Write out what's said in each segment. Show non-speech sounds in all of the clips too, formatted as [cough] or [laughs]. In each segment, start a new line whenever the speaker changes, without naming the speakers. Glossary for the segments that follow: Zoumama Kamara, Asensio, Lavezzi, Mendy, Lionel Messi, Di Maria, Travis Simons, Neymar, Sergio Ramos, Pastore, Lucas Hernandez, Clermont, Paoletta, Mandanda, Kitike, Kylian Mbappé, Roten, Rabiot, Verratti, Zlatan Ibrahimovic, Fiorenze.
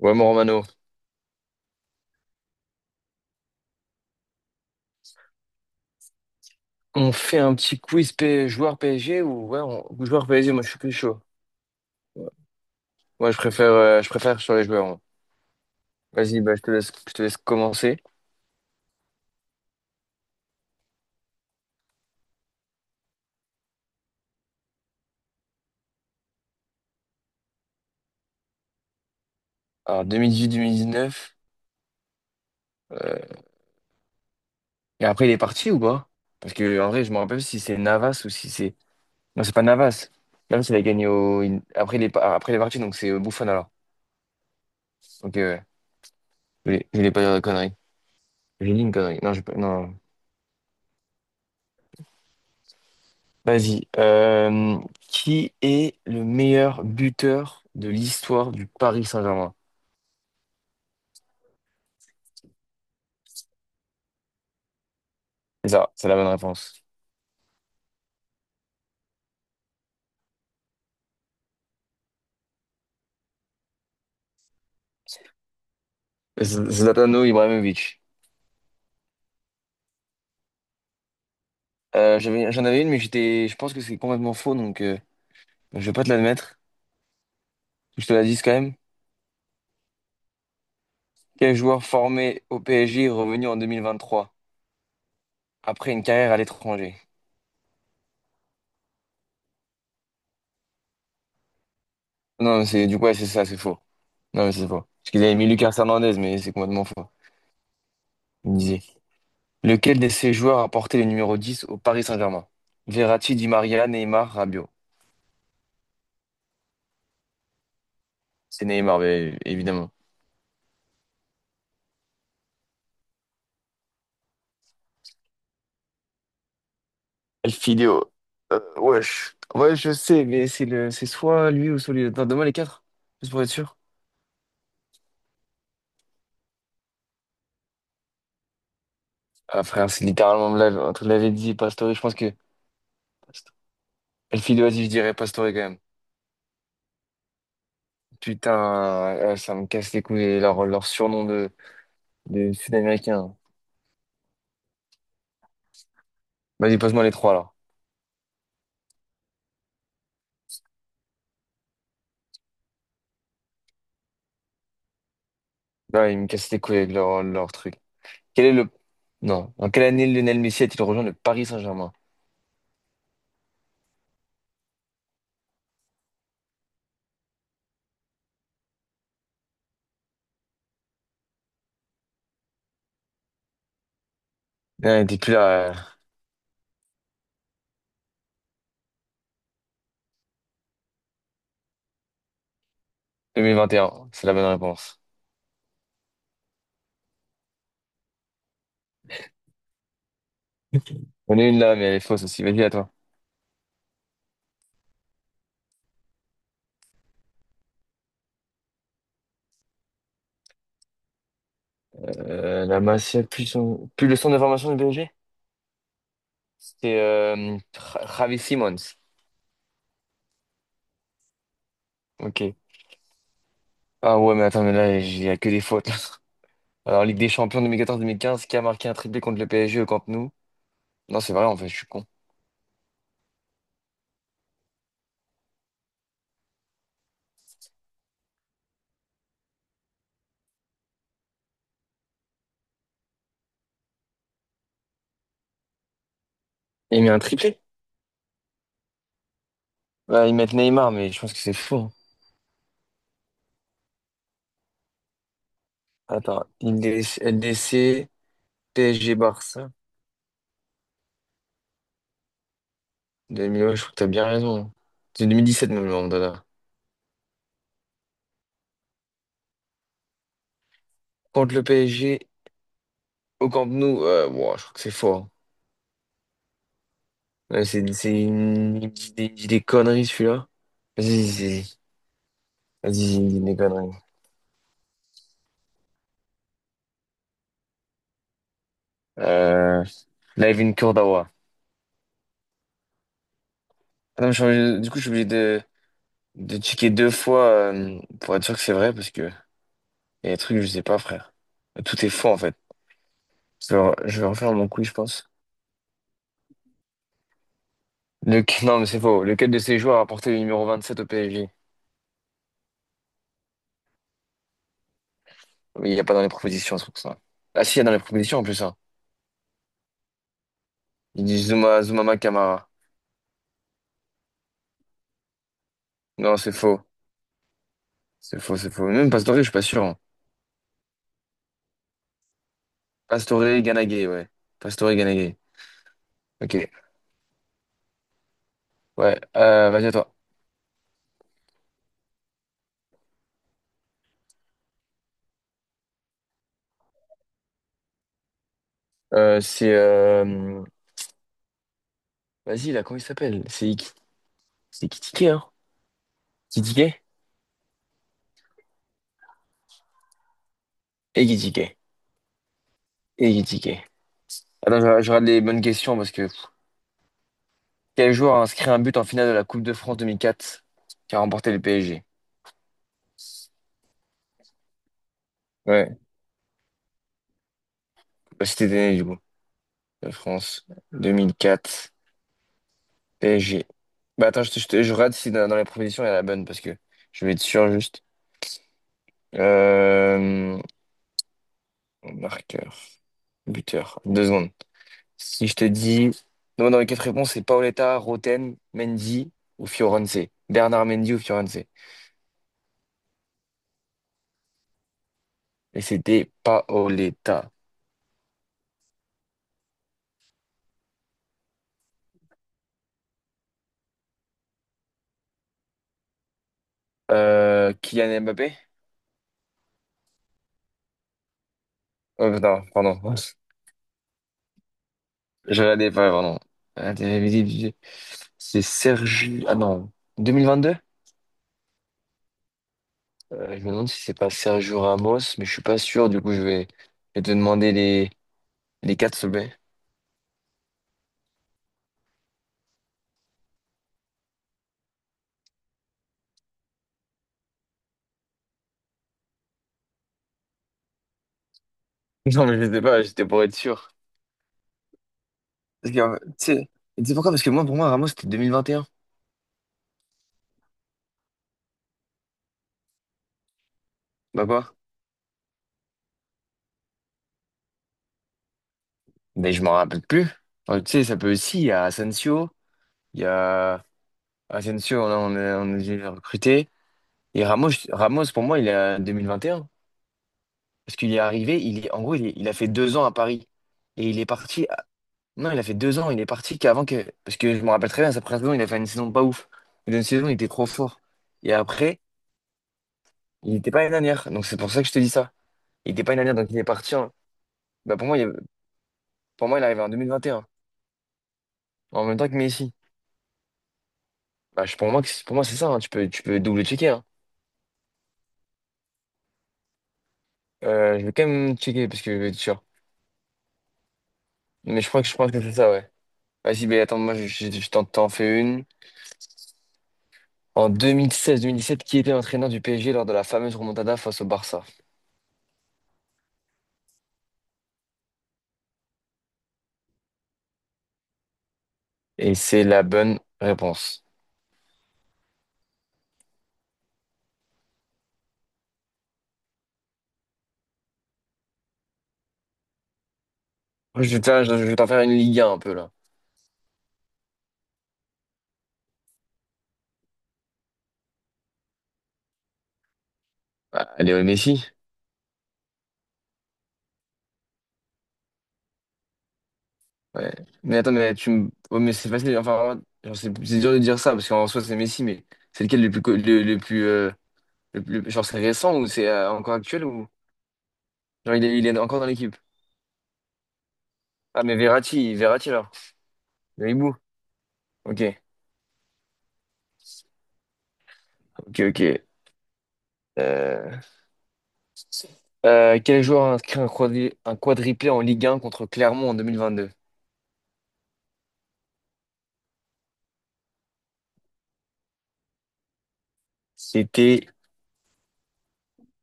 Ouais, mon Romano, on fait un petit quiz joueur PSG ou ouais, ou joueur PSG, moi je suis plus chaud. Ouais. Moi je préfère sur les joueurs. Moi. Vas-y, bah, je te laisse commencer. Alors 2018-2019, euh... et après il est parti ou pas? Parce que en vrai, je me rappelle si c'est Navas ou si c'est. Non, c'est pas Navas. Navas, il a gagné au. Après, il est, pas- après, il est parti, donc c'est Buffon alors. Ok, ouais. Je voulais pas dire de conneries. J'ai dit une connerie. Non, j'ai pas... non. Vas-y. Qui est le meilleur buteur de l'histoire du Paris Saint-Germain? C'est ça, c'est la bonne réponse. Zlatano Ibrahimovic. J'en avais une, mais je pense que c'est complètement faux, donc je vais pas te l'admettre. Je te la dis quand même. Quel joueur formé au PSG est revenu en 2023 après une carrière à l'étranger? Non, c'est du coup, ouais, c'est ça, c'est faux. Non, mais c'est faux. Parce qu'ils avaient mis Lucas Hernandez, mais c'est complètement faux. Lequel de ces joueurs a porté le numéro 10 au Paris Saint-Germain? Verratti, Di Maria, Neymar, Rabiot. C'est Neymar, bien évidemment. Elfidio. Wesh. Ouais, je sais, mais c'est soit lui ou soit lui. Attends, donne-moi les quatre, juste pour être sûr. Ah, frère, c'est littéralement entre Lavezzi et Pastore, je pense que... Elfidio, vas-y, je dirais Pastore quand même. Putain, ça me casse les couilles, leur surnom de Sud-Américain. Vas-y, passe-moi les trois, là. Là, ils me cassent les couilles avec leur truc. Quel est le... Non. En quelle année Lionel Messi a-t-il rejoint le Paris Saint-Germain? Ah, il était plus là. 2021, c'est la bonne réponse. On ai une là, mais elle est fausse aussi. Vas-y, à toi. La Masia, plus, plus le centre de formation du PSG? C'est Travis Simons. Ok. Ah ouais, mais attends, mais là, il n'y a que des fautes. Là. Alors, Ligue des Champions 2014-2015, qui a marqué un triplé contre le PSG au Camp Nou? Non, c'est vrai, en fait, je suis con. Il met un triplé? Ouais, ils mettent Neymar, mais je pense que c'est faux. Attends, LDC, PSG, Barça. 2000, ouais, je crois que t'as bien raison. C'est 2017 même, le Mandanda. Contre le PSG, au Camp Nou, wow, je crois que c'est fort. Hein. Ouais, il me il me dit des conneries, celui-là. Vas-y, vas-y, Vas-y, il me dit des conneries. Euh... Live in Kurdawa. Ah non, du coup, je suis obligé de checker deux fois pour être sûr que c'est vrai, parce que il y a des trucs que je sais pas, frère. Tout est faux, en fait. Je vais refaire mon coup, je pense. Non, mais c'est faux. Lequel de ces joueurs a porté le numéro 27 au PSG? Mais il n'y a pas dans les propositions, ce truc, ça. Ah si, il y a dans les propositions en plus, hein. Il dit Zoumama Kamara. Non, c'est faux. C'est faux. Même Pastore, je suis pas sûr. Hein. Pastore Ganagay, ouais. Pastore Ganagay. Ok. Ouais. Vas-y à toi. C'est Vas-y là, comment il s'appelle? C'est Kitike, hein? Kitike? Et Kitike. Et Kitike. Attends, je regarde les bonnes questions parce que quel joueur a inscrit un but en finale de la Coupe de France 2004 qui a remporté le PSG? Ouais. Bah, c'était né du coup. De France 2004. PSG. Bah attends, je regarde si dans les propositions il y a la bonne parce que je vais être sûr juste. Euh, marqueur, Buteur, deux secondes. Si je te dis. Non, dans les quatre réponses, c'est Paoletta, Roten, Mendy ou Fiorenze. Bernard Mendy ou Fiorenze. Et c'était Paoletta. Kylian Mbappé? Oh, non, pardon. Je regardais pas, pardon. Ah, t'avais C'est Sergi. Ah non. 2022? Je me demande si c'est pas Sergio Ramos, mais je suis pas sûr. Du coup, je vais te demander les quatre sommets. [laughs] Non, mais je sais pas, j'étais pour être sûr. Parce que, tu sais pourquoi? Parce que moi, pour moi, Ramos, c'était 2021. Bah quoi? Mais je m'en rappelle plus. Tu sais, ça peut aussi. Il y a Asensio, il y a Asensio, on a dû le recruter. Et Ramos, pour moi, il est à 2021. Parce qu'il est arrivé, en gros, il a fait deux ans à Paris. Et il est parti Non, il a fait deux ans, il est parti qu'avant que. Parce que je me rappelle très bien, sa première saison, il a fait une saison pas ouf. Mais une saison, il était trop fort. Et après, il n'était pas une dernière. Donc c'est pour ça que je te dis ça. Il n'était pas une dernière, donc il est parti. Bah, pour moi, il... pour moi, il est arrivé en deux mille vingt et un, en même temps que Messi. Pour moi, pour moi c'est ça. Hein. Tu peux double-checker. Hein. Je vais quand même checker parce que je vais être sûr. Mais je pense que c'est ça, ouais. Vas-y, mais attends, moi, je t'en fais une. En deux mille seize-deux mille seize, dix-sept, qui était l'entraîneur du PSG lors de la fameuse remontada face au Barça? Et c'est la bonne réponse. Je vais te faire, je vais t'en faire une Ligue 1 un peu là. Ah, Léo Messi. Ouais. Mais attends, mais tu me. Ouais, mais c'est facile. Enfin, genre, c'est dur de dire ça parce qu'en soi c'est Messi, mais c'est lequel le plus le plus le genre c'est récent ou c'est encore actuel ou genre il est encore dans l'équipe. Ah mais Verratti alors. Le hibou. Ok, ok. Euh, Quel joueur a inscrit un quadriplé en Ligue 1 contre Clermont en 2022? C'était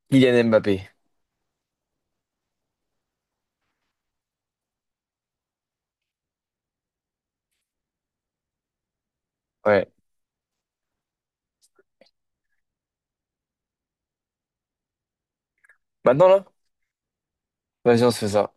Kylian Mbappé. Ouais. Maintenant là? Vas-y, on se fait ça.